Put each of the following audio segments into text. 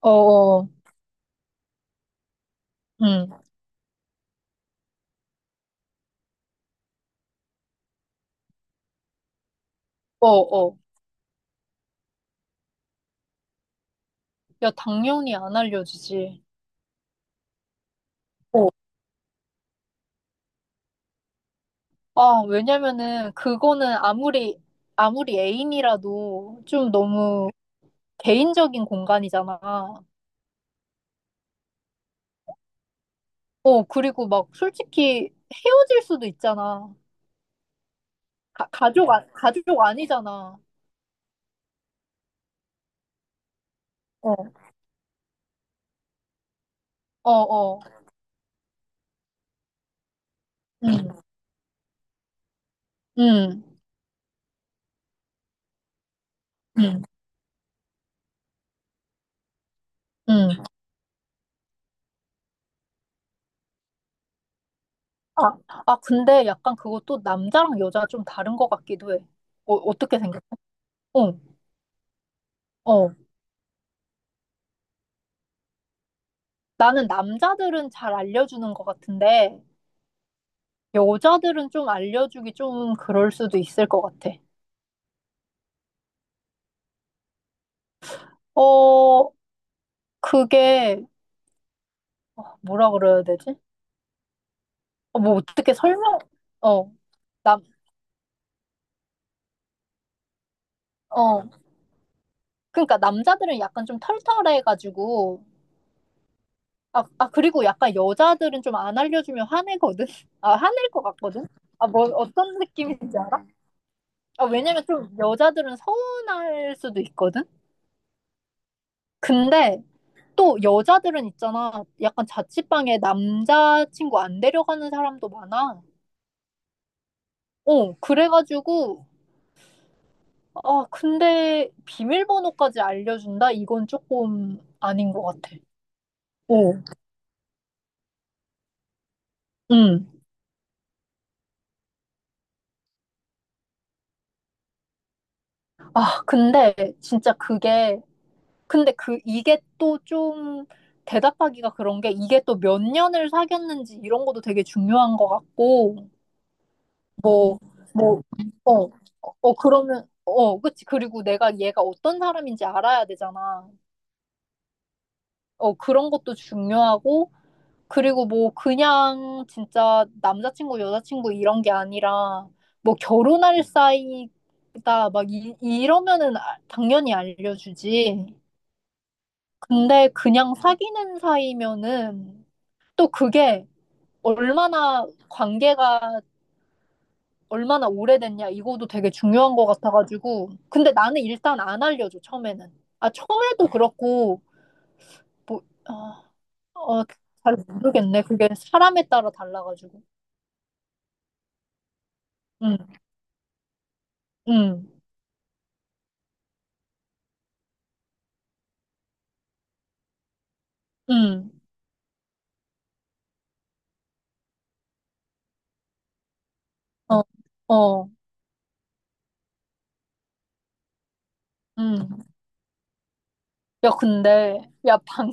어어, 응, 어어. 야, 당연히 안 알려주지. 어, 아, 왜냐면은 그거는 아무리 애인이라도 좀 너무 개인적인 공간이잖아. 어, 그리고 막 솔직히 헤어질 수도 있잖아. 가족 아니잖아. 어, 어, 어, 응, 응, 응, 응. 아, 아, 근데 약간 그것도 남자랑 여자 좀 다른 것 같기도 해. 어, 어떻게 생각해? 어, 어. 나는 남자들은 잘 알려주는 것 같은데, 여자들은 좀 알려주기 좀 그럴 수도 있을 것 같아. 어, 그게, 어, 뭐라 그래야 되지? 어, 뭐 어떻게 설명, 어, 남, 어. 그러니까 남자들은 약간 좀 털털해가지고, 아, 그리고 약간 여자들은 좀 안 알려주면 화내거든? 아, 화낼 것 같거든? 아, 뭐, 어떤 느낌인지 알아? 아, 왜냐면 좀 여자들은 서운할 수도 있거든? 근데, 또 여자들은 있잖아. 약간 자취방에 남자친구 안 데려가는 사람도 많아. 어, 그래가지고, 아, 근데 비밀번호까지 알려준다? 이건 조금 아닌 것 같아. 어, 응. 아, 근데 진짜 그게, 근데 그, 이게 또 좀 대답하기가 그런 게 이게 또 몇 년을 사귀었는지 이런 것도 되게 중요한 것 같고, 뭐, 뭐, 어, 어, 그러면, 어, 그치. 그리고 내가 얘가 어떤 사람인지 알아야 되잖아. 어, 그런 것도 중요하고, 그리고 뭐, 그냥 진짜 남자친구, 여자친구 이런 게 아니라, 뭐, 결혼할 사이다, 막, 이, 이러면은 당연히 알려주지. 근데 그냥 사귀는 사이면은, 또 그게 얼마나 관계가 얼마나 오래됐냐, 이것도 되게 중요한 것 같아가지고. 근데 나는 일단 안 알려줘, 처음에는. 아, 처음에도 그렇고, 뭐, 아, 어, 잘 모르겠네. 그게 사람에 따라 달라가지고. 응, 응, 응. 어, 어, 응. 야, 근데, 야, 방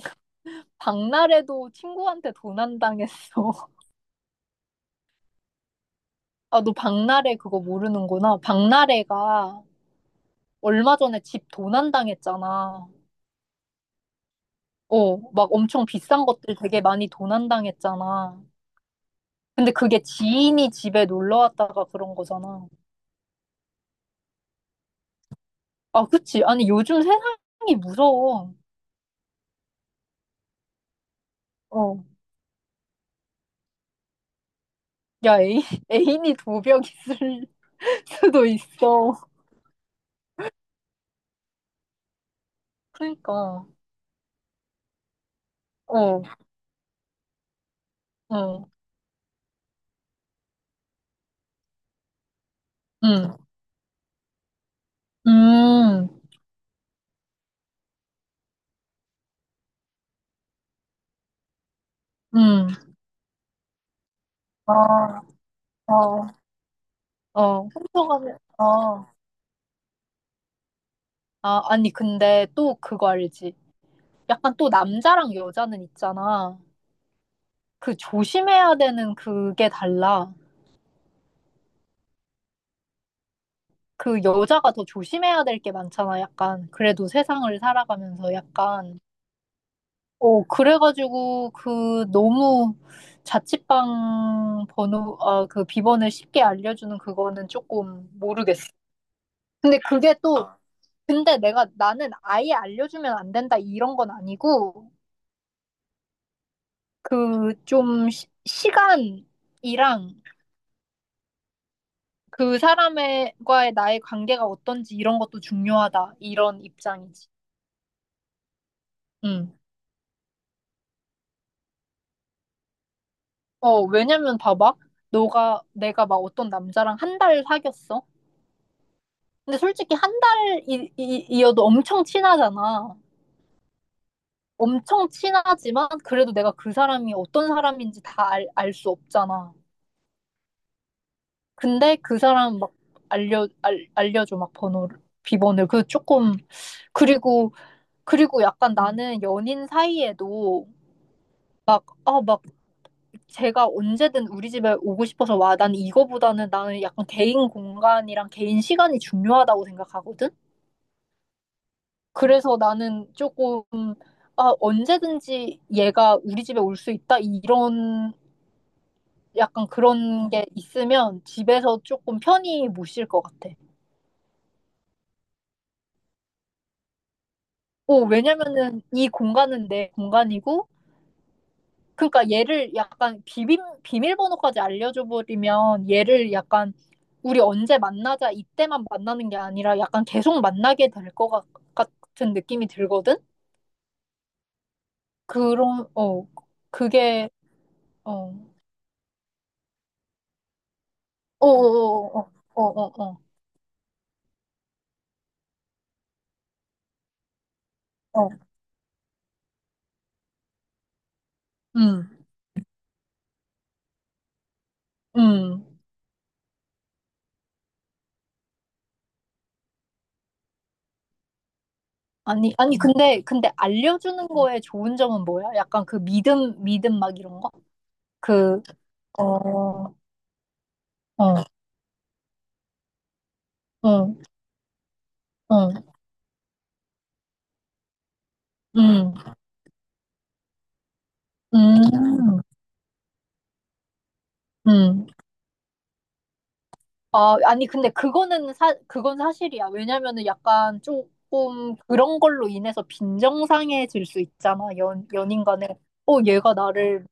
박나래도 친구한테 도난당했어. 아, 너 박나래 그거 모르는구나. 박나래가 얼마 전에 집 도난당했잖아. 어, 막 엄청 비싼 것들 되게 많이 도난당했잖아. 근데 그게 지인이 집에 놀러 왔다가 그런 거잖아. 아, 그치. 아니, 요즘 세상이 무서워. 어. 야, 애인, 애인이 도벽 있을 수도 있어. 그러니까, 어, 응, 응, 음, 음, 아, 어, 어, 훔쳐가면, 아니, 근데 또 그거 알지? 약간 또 남자랑 여자는 있잖아. 그 조심해야 되는 그게 달라. 그 여자가 더 조심해야 될 게 많잖아, 약간. 그래도 세상을 살아가면서 약간. 어, 그래가지고, 그, 너무 자취방 번호, 아, 그 비번을 쉽게 알려주는 그거는 조금 모르겠어. 근데 그게 또, 아, 근데 내가, 나는 아예 알려주면 안 된다, 이런 건 아니고, 그, 좀, 시간이랑 그 사람과의 나의 관계가 어떤지 이런 것도 중요하다, 이런 입장이지. 응. 어, 왜냐면 봐봐. 너가, 내가 막 어떤 남자랑 한 달 사귀었어. 근데 솔직히 한 달이어도 엄청 친하잖아. 엄청 친하지만 그래도 내가 그 사람이 어떤 사람인지 다 알, 알 수 없잖아. 근데 그 사람 막 알려줘, 막 번호를, 비번을. 그 조금, 그리고, 그리고 약간 나는 연인 사이에도 막, 아, 막 제가 언제든 우리 집에 오고 싶어서 와. 난 이거보다는 나는 약간 개인 공간이랑 개인 시간이 중요하다고 생각하거든? 그래서 나는 조금, 아, 언제든지 얘가 우리 집에 올 수 있다? 이런, 약간 그런 게 있으면 집에서 조금 편히 못 쉴 것 같아. 오, 왜냐면은 이 공간은 내 공간이고, 그러니까 얘를 약간 비밀번호까지 알려줘 버리면 얘를 약간 우리 언제 만나자 이때만 만나는 게 아니라 약간 계속 만나게 될 것 같은 느낌이 들거든? 그런, 어, 그게, 어, 어어어어어어. 어, 음, 음. 아니, 근데 알려주는 거에 좋은 점은 뭐야? 약간 그 믿음, 믿음 막 이런 거? 그, 어, 어, 어, 어, 음, 음, 음. 아, 아니, 근데 그건 사실이야. 왜냐면은 약간 조금 그런 걸로 인해서 빈정상해질 수 있잖아. 연인 간에. 어,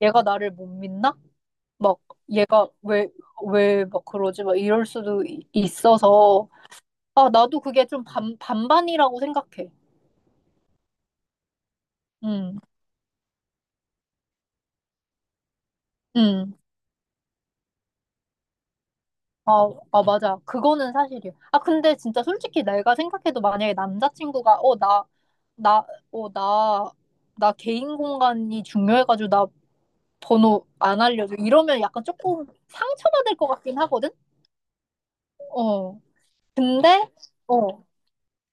얘가 나를 못 믿나? 막, 얘가 왜 막 그러지? 막 이럴 수도 있어서. 아, 나도 그게 좀 반반이라고 생각해. 응, 응. 아, 맞아. 그거는 사실이야. 아, 근데 진짜 솔직히 내가 생각해도 만약에 남자친구가, 어, 나, 어, 나, 나 개인 공간이 중요해가지고 나 번호 안 알려줘. 이러면 약간 조금 상처받을 것 같긴 하거든? 어. 근데, 어,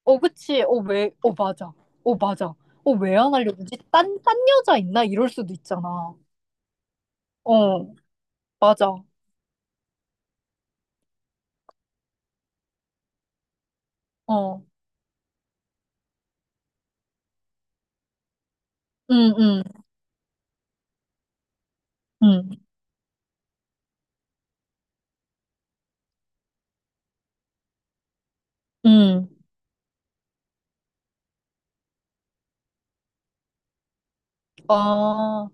어, 그치. 어, 왜, 어, 맞아. 어, 맞아. 어, 왜 안 알려주지? 딴 여자 있나? 이럴 수도 있잖아. 어, 맞아. 어. 응, 응. 응, 응. 아,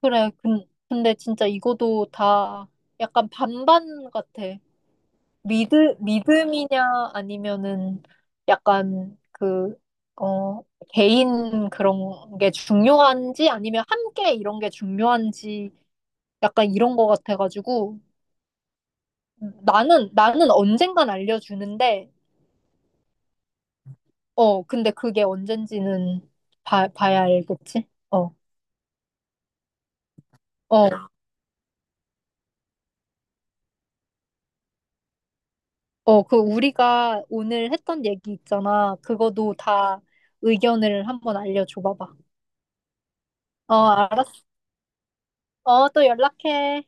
그래. 근데 진짜 이거도 다 약간 반반 같아. 믿, 믿음이냐, 아니면은 약간 그, 어, 개인 그런 게 중요한지, 아니면 함께 이런 게 중요한지, 약간 이런 거 같아가지고, 나는 언젠간 알려주는데, 어, 근데 그게 언젠지는 봐야 알겠지? 어, 어. 어, 그 우리가 오늘 했던 얘기 있잖아. 그거도 다 의견을 한번 알려줘 봐봐. 어, 알았어. 어, 또 연락해.